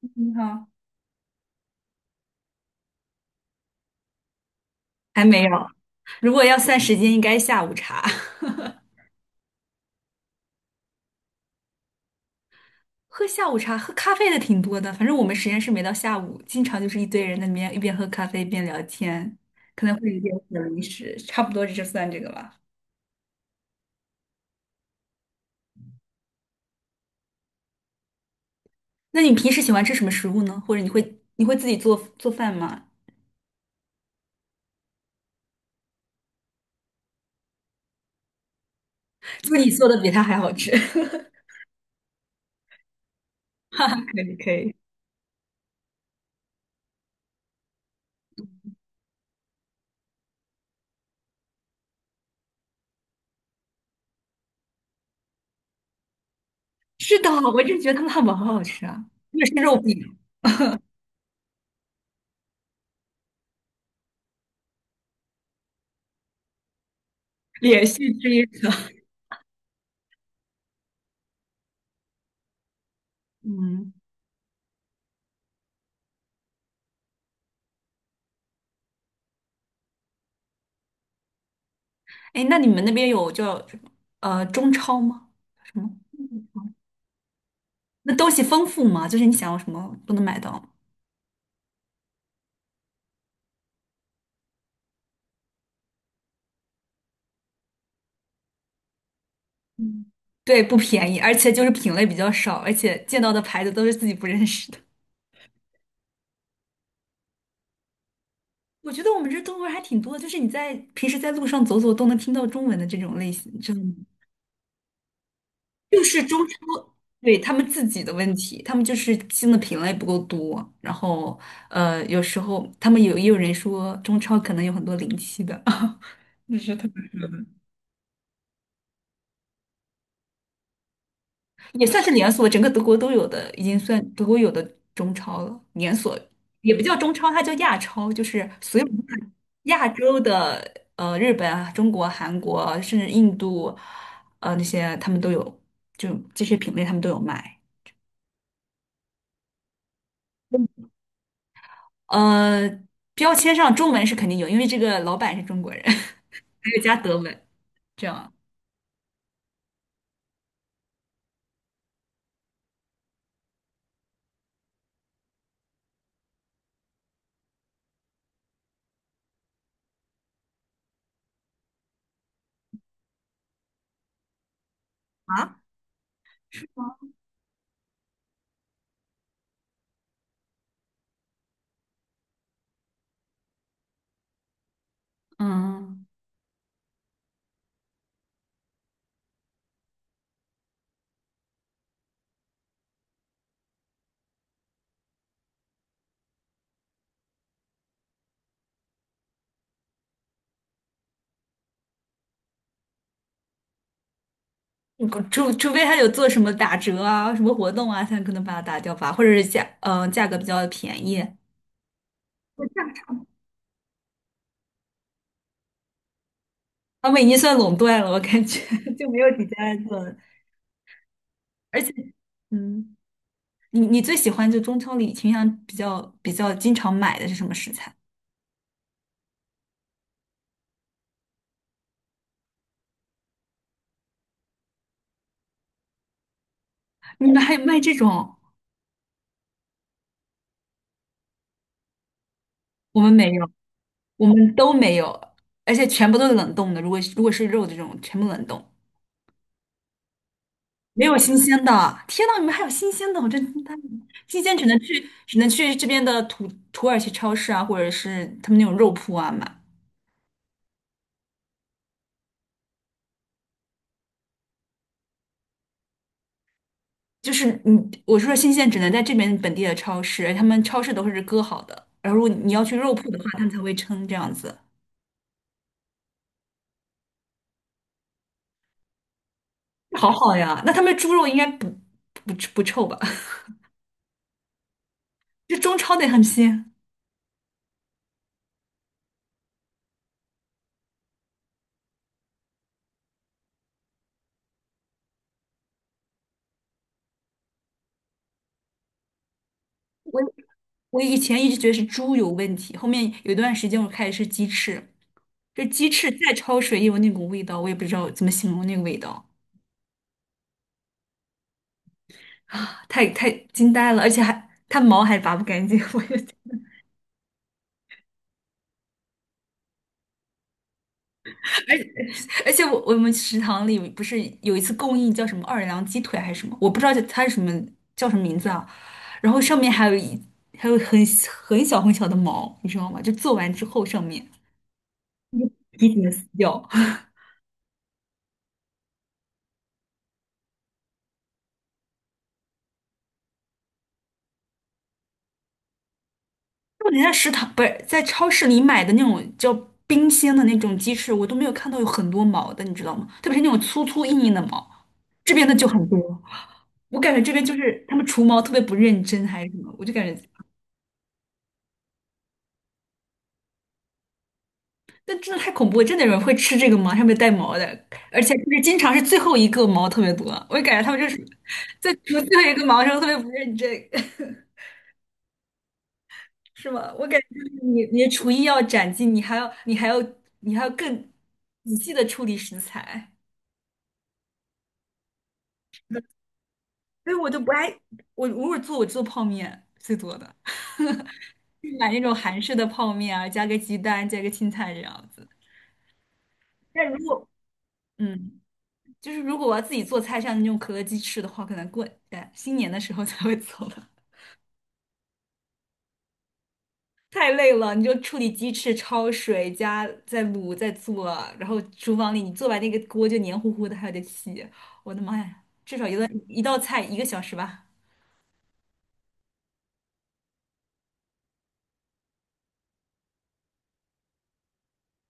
你好，还没有。如果要算时间，应该下午茶。喝下午茶，喝咖啡的挺多的。反正我们实验室没到下午，经常就是一堆人在那边一边喝咖啡一边聊天，可能会有一点小零食，差不多就算这个吧。那你平时喜欢吃什么食物呢？或者你会自己做做饭吗？就你做的比他还好吃，可以可以。是的，我就觉得他们汉堡好好吃啊，那是肉饼，连续吃一个。嗯，哎，那你们那边有叫中超吗？什么？那东西丰富吗？就是你想要什么都能买到吗？嗯，对，不便宜，而且就是品类比较少，而且见到的牌子都是自己不认识的。我觉得我们这中国人还挺多的，就是你在平时在路上走走都能听到中文的这种类型，知道吗？就是中超，对，他们自己的问题，他们就是新的品类不够多，然后有时候他们有也有人说中超可能有很多临期的，就是他也算是连锁，整个德国都有的，已经算德国有的中超了。连锁也不叫中超，它叫亚超，就是所有亚洲的，日本啊、中国、韩国啊，甚至印度，那些他们都有，就这些品类他们都有卖。呃，标签上中文是肯定有，因为这个老板是中国人，还有加德文，这样啊？是吗？嗯。除非他有做什么打折啊、什么活动啊，才可能把它打掉吧，或者是价格比较便宜，我他们已经算垄断了，我感觉 就没有几家在做了。而且，嗯，你最喜欢就中超里倾向比较经常买的是什么食材？你们还有卖这种？我们没有，我们都没有，而且全部都是冷冻的。如果是肉这种，全部冷冻，没有新鲜的。天呐，你们还有新鲜的？我真惊呆了，新鲜只能去这边的土耳其超市啊，或者是他们那种肉铺啊买。就是你，我说新鲜只能在这边本地的超市，他们超市都是割好的，然后如果你要去肉铺的话，他们才会称这样子，好好呀。那他们猪肉应该不臭吧？这中超得很鲜。我我以前一直觉得是猪有问题，后面有一段时间我开始吃鸡翅，这鸡翅再焯水也有那股味道，我也不知道怎么形容那个味道啊，太惊呆了，而且还它毛还拔不干净，我而且。而且我们食堂里不是有一次供应叫什么奥尔良鸡腿还是什么，我不知道它是什么叫什么名字啊。然后上面还有很很小很小的毛，你知道吗？就做完之后上面一点点撕掉。我连在食堂不是在超市里买的那种叫冰鲜的那种鸡翅，我都没有看到有很多毛的，你知道吗？特别是那种粗粗硬硬的毛，这边的就很多。我感觉这边就是他们除毛特别不认真还是什么，我就感觉但真的太恐怖了，真的有人会吃这个吗？上面带毛的，而且就是经常是最后一个毛特别多，我感觉他们就是在除最后一个毛的时候特别不认真，是吗？我感觉就是你的厨艺要斩进，你还要更仔细的处理食材，所以我就不爱我偶尔做我做泡面最多的，就是买那种韩式的泡面啊，加个鸡蛋，加个青菜这样子。但如果嗯，就是如果我要自己做菜，像那种可乐鸡翅的话，可能过新年的时候才会做吧。太累了，你就处理鸡翅、焯水加再卤再做，然后厨房里你做完那个锅就黏糊糊的，还有点洗，我的妈呀，一道菜一个小时吧。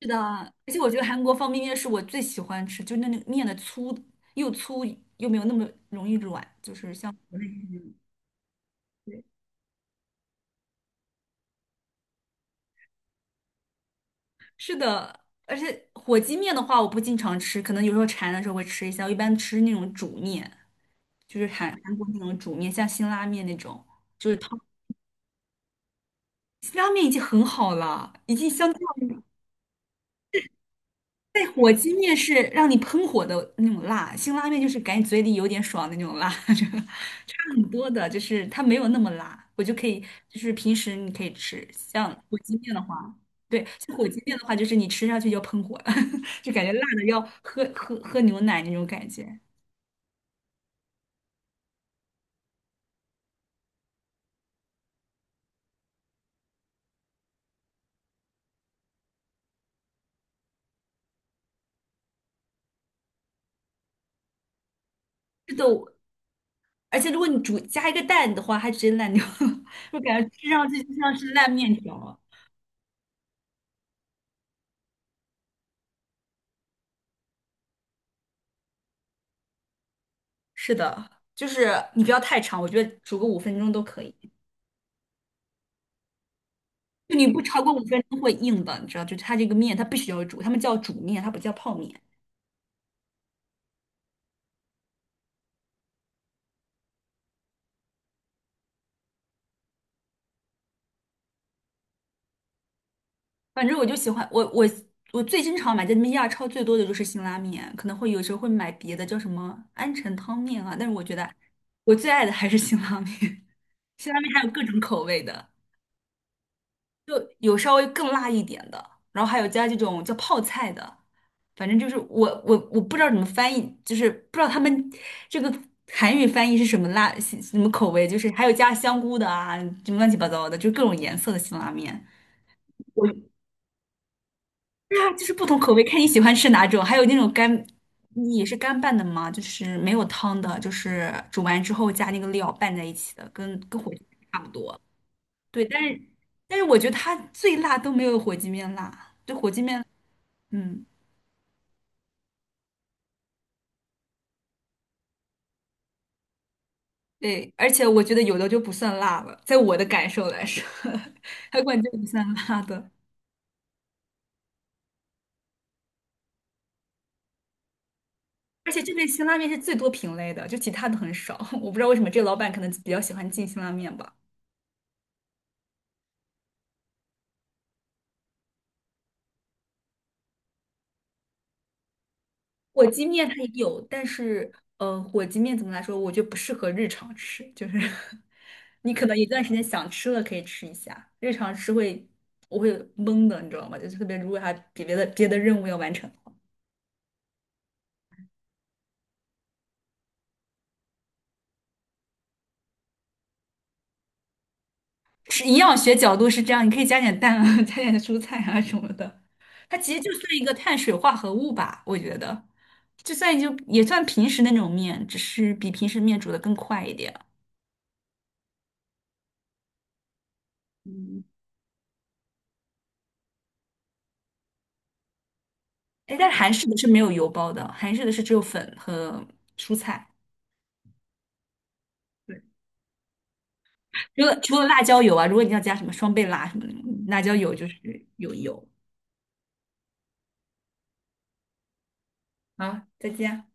是的，而且我觉得韩国方便面是我最喜欢吃，就那面的粗又粗又没有那么容易软，就是是的。而且火鸡面的话，我不经常吃，可能有时候馋的时候会吃一下，我一般吃那种煮面，就是韩国那种煮面，像辛拉面那种。就是汤。辛拉面已经很好了，已经相对火鸡面是让你喷火的那种辣，辛拉面就是感觉嘴里有点爽的那种辣，这个差很多的，就是它没有那么辣，我就可以，就是平时你可以吃，像火鸡面的话，对，像火鸡面的话，就是你吃下去就喷火了，就感觉辣的要喝喝喝牛奶那种感觉。是的，而且如果你煮加一个蛋的话，还直接烂掉了，就感觉吃上去就像是烂面条。是的，就是你不要太长，我觉得煮个五分钟都可以。就你不超过五分钟会硬的，你知道，就是它这个面它必须要煮，他们叫煮面，它不叫泡面。反正我就喜欢我我我最经常买在那边亚超最多的就是辛拉面，可能会有时候会买别的叫什么安城汤面啊，但是我觉得我最爱的还是辛拉面，辛拉面还有各种口味的。就有稍微更辣一点的，然后还有加这种叫泡菜的，反正就是我不知道怎么翻译，就是不知道他们这个韩语翻译是什么辣什么口味，就是还有加香菇的啊，什么乱七八糟的，就各种颜色的辛拉面。我对啊，就是不同口味，看你喜欢吃哪种，还有那种干。你也是干拌的吗？就是没有汤的，就是煮完之后加那个料拌在一起的，跟跟火鸡差不多。对，但是我觉得它最辣都没有火鸡面辣，就火鸡面，嗯，对，而且我觉得有的就不算辣了，在我的感受来说，还管这个不算辣的。而且这边辛拉面是最多品类的，就其他的很少，我不知道为什么这个老板可能比较喜欢进辛拉面吧。火鸡面它也有，但是火鸡面怎么来说，我觉得不适合日常吃，就是 你可能一段时间想吃了可以吃一下，日常吃会我会懵的，你知道吗？就特别如果还比别的任务要完成的话，是营养学角度是这样，你可以加点蛋啊，加点蔬菜啊什么的，它其实就算一个碳水化合物吧，我觉得，就算就也算平时那种面，只是比平时面煮的更快一点。哎，但是韩式的是没有油包的，韩式的是只有粉和蔬菜。对，除了辣椒油啊，如果你要加什么双倍辣什么的，辣椒油就是有油。啊。再见啊。